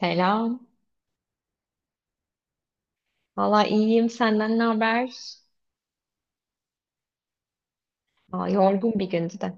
Selam. Valla iyiyim. Senden ne haber? Aa, yorgun bir gündü de.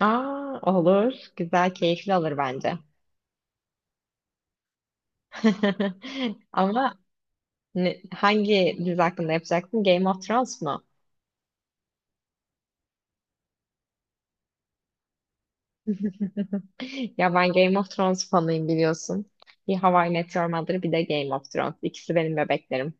Aa, olur. Güzel, keyifli olur bence. Ama hangi dizi hakkında yapacaksın? Game of Thrones mu? Ya ben Game of Thrones fanıyım biliyorsun. Bir How I Met Your Mother, bir de Game of Thrones. İkisi benim bebeklerim.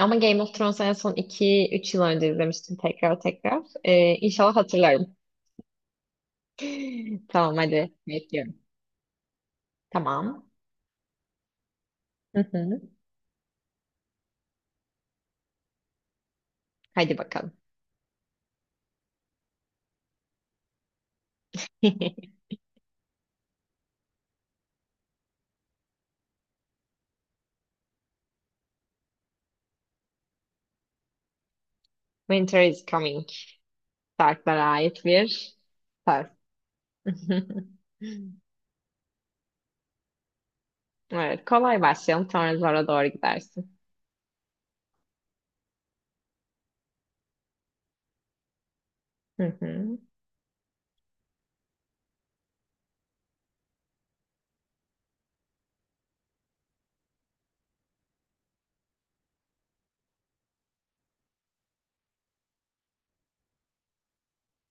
Ama Game of Thrones'u en son 2-3 yıl önce izlemiştim tekrar tekrar. İnşallah hatırlarım. Tamam, hadi bekliyorum. Tamam. Hı hı. Hadi bakalım. Winter is coming. Sarklara ait bir söz. Evet, kolay başlayalım. Sonra zora doğru gidersin. Hı hı.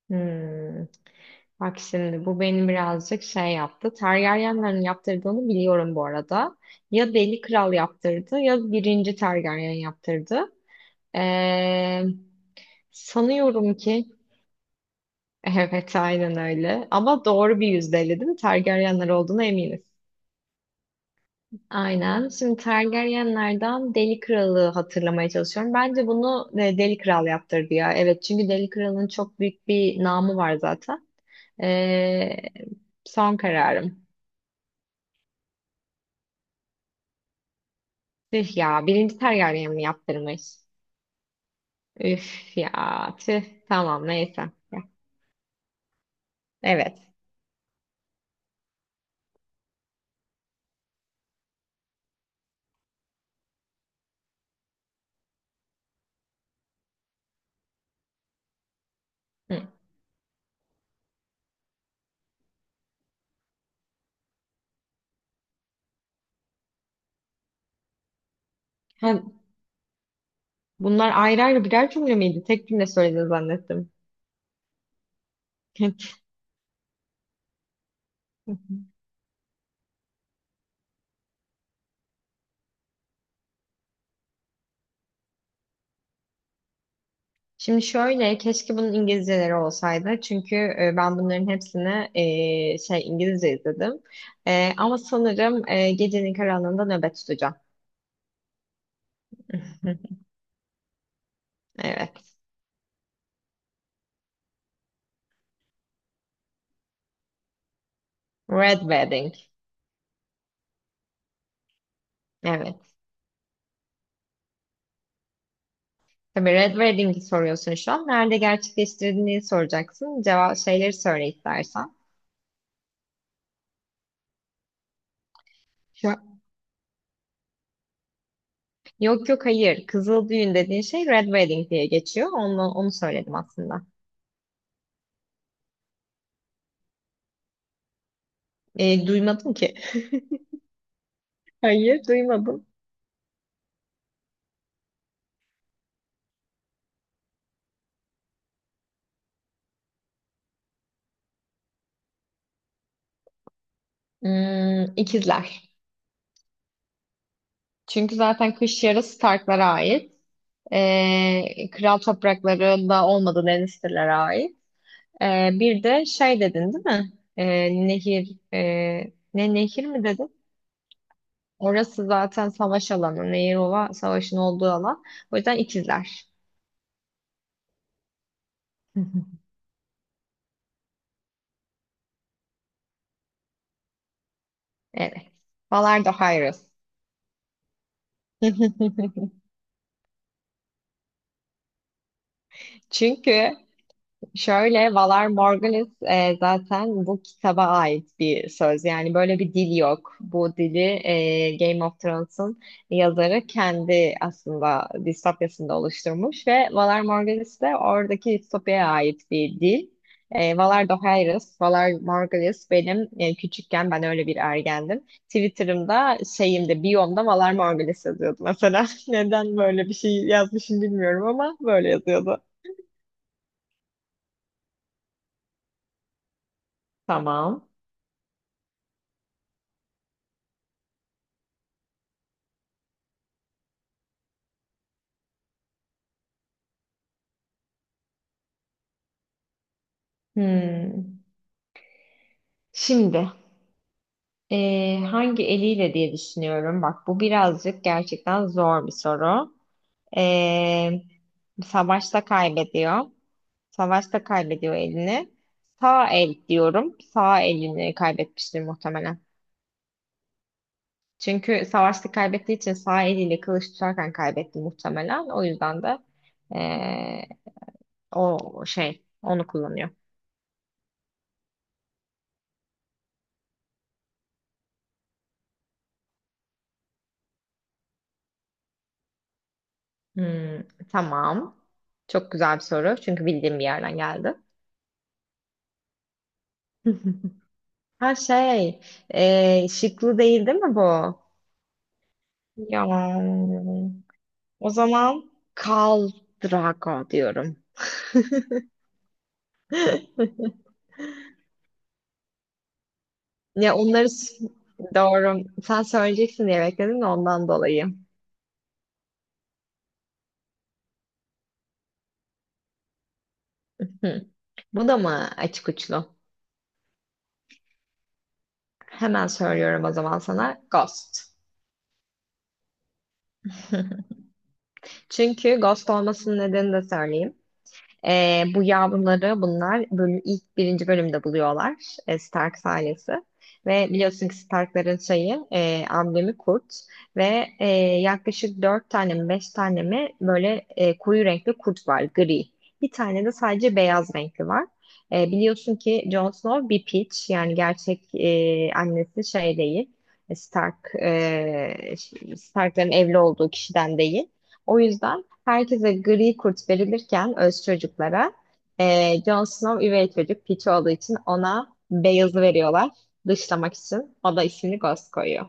Hmm. Bak şimdi bu beni birazcık şey yaptı. Targaryenlerin yaptırdığını biliyorum bu arada. Ya Deli Kral yaptırdı ya birinci Targaryen yaptırdı. Ee, sanıyorum ki, evet, aynen öyle. Ama doğru bir yüzdeydi, değil mi? Targaryenler olduğuna eminiz. Aynen. Şimdi Targaryenlerden Deli Kral'ı hatırlamaya çalışıyorum. Bence bunu Deli Kral yaptırdı ya. Evet, çünkü Deli Kral'ın çok büyük bir namı var zaten. Ee, son kararım. Tüh ya. Birinci Targaryen mi yaptırmış? Üf ya. Tüh. Tamam, neyse. Ya, evet. Hı. Ha, bunlar ayrı ayrı birer cümle miydi? Tek cümle söylediğini zannettim. Şimdi şöyle, keşke bunun İngilizceleri olsaydı. Çünkü ben bunların hepsini şey İngilizce izledim. Ama sanırım gecenin karanlığında nöbet tutacağım. Evet. Red Wedding. Evet. Tabii, Red Wedding'i soruyorsun şu an. Nerede gerçekleştirdiğini soracaksın. Cevap şeyleri söyle istersen. Şu- Yok yok, hayır. Kızıl düğün dediğin şey Red Wedding diye geçiyor. Onu söyledim aslında. Duymadım ki. Hayır, duymadım. Hmm, ikizler. Çünkü zaten kış yarısı Stark'lara ait. Kral topraklarında olmadığı Lannister'lara ait. Bir de şey dedin değil mi? Nehir, ne nehir mi dedin? Orası zaten savaş alanı. Nehir olan savaşın olduğu alan. O yüzden ikizler. Evet. Valar da Hayros. Çünkü şöyle, Valar Morghulis, zaten bu kitaba ait bir söz. Yani böyle bir dil yok. Bu dili Game of Thrones'un yazarı kendi aslında distopyasında oluşturmuş ve Valar Morghulis de oradaki distopyaya ait bir dil. Valar Dohaeris, Valar Morghulis benim, küçükken ben öyle bir ergendim. Twitter'ımda, şeyimde, biyomda Valar Morghulis yazıyordu mesela. Neden böyle bir şey yazmışım bilmiyorum, ama böyle yazıyordu. Tamam. Hmm. Şimdi hangi eliyle diye düşünüyorum. Bak, bu birazcık gerçekten zor bir soru. Eee, savaşta kaybediyor. Savaşta kaybediyor elini. Sağ el diyorum. Sağ elini kaybetmiştir muhtemelen. Çünkü savaşta kaybettiği için sağ eliyle kılıç tutarken kaybetti muhtemelen. O yüzden de eee, o şey onu kullanıyor. Hmm, tamam. Çok güzel bir soru. Çünkü bildiğim bir yerden geldi. Ha, şey, şıklı değil, değil mi bu? Ya, o zaman Khal Drago diyorum. Ya onları s- doğru. Sen söyleyeceksin diye bekledim de ondan dolayı. Hı. Bu da mı açık uçlu? Hemen söylüyorum o zaman sana. Ghost. Çünkü Ghost olmasının nedenini de söyleyeyim. Bu yavruları bunlar bölüm, ilk birinci bölümde buluyorlar Stark ailesi. Ve biliyorsun ki Stark'ların şeyi, amblemi kurt ve yaklaşık dört tane mi beş tane mi böyle koyu renkli kurt var, gri. Bir tane de sadece beyaz renkli var. Biliyorsun ki Jon Snow bir piç, yani gerçek annesi şey değil. Stark, e, Stark'ların evli olduğu kişiden değil. O yüzden herkese gri kurt verilirken öz çocuklara, Jon Snow üvey çocuk, piç olduğu için ona beyazı veriyorlar. Dışlamak için. O da ismini Ghost koyuyor.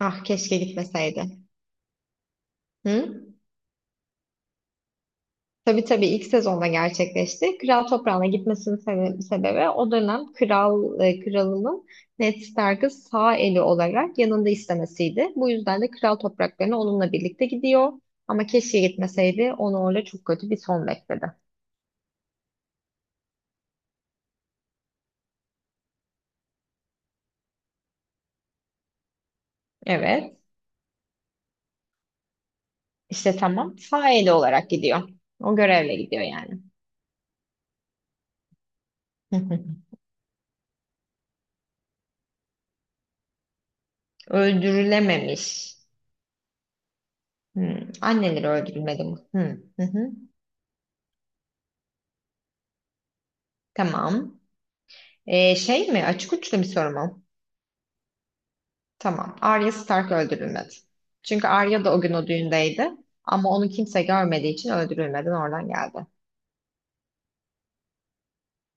Ah, keşke gitmeseydi. Hı? Tabii tabii, ilk sezonda gerçekleşti. Kral toprağına gitmesinin sebebi o dönem kralının Ned Stark'ı sağ eli olarak yanında istemesiydi. Bu yüzden de kral topraklarına onunla birlikte gidiyor. Ama keşke gitmeseydi. Onu orada çok kötü bir son bekledi. Evet. İşte tamam. Faili olarak gidiyor. O görevle gidiyor yani. Hı hı. Öldürülememiş. Hmm. Anneleri öldürülmedi mi? Hı hı. Hı. Tamam. Şey mi? Açık uçlu bir soru mu? Tamam. Arya Stark öldürülmedi. Çünkü Arya da o gün o düğündeydi. Ama onu kimse görmediği için öldürülmeden oradan geldi.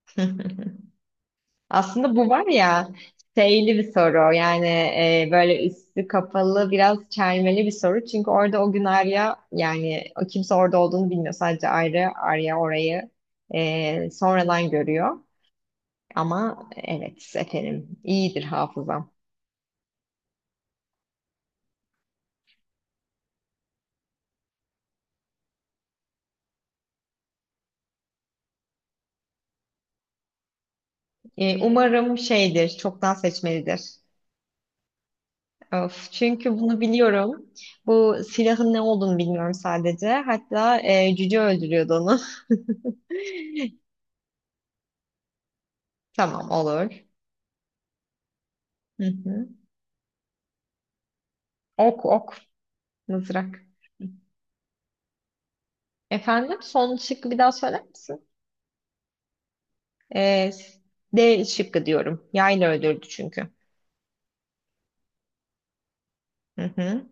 Aslında bu var ya, şeyli bir soru yani, böyle üstü kapalı biraz çelmeli bir soru. Çünkü orada o gün Arya, yani o, kimse orada olduğunu bilmiyor. Sadece Arya orayı sonradan görüyor. Ama evet, efendim, iyidir hafızam. Umarım şeydir, çoktan seçmelidir. Of, çünkü bunu biliyorum. Bu silahın ne olduğunu bilmiyorum sadece. Hatta cüce öldürüyordu onu. Tamam, olur. Hı hı. Ok, ok. Mızrak. Efendim, son şıkkı bir daha söyler misin? Ee, D şıkkı diyorum. Yayla öldürdü çünkü. Hı hı.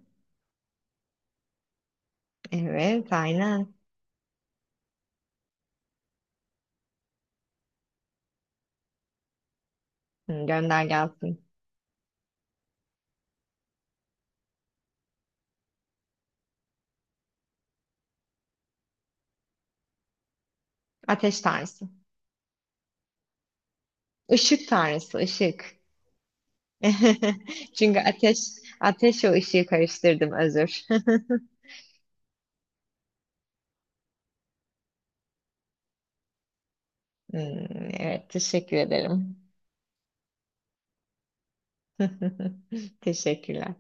Evet, aynen. Hı, gönder gelsin. Ateş tanrısı. Işık tanrısı, ışık. Çünkü ateş, o ışığı karıştırdım, özür. Hmm, evet, teşekkür ederim. Teşekkürler.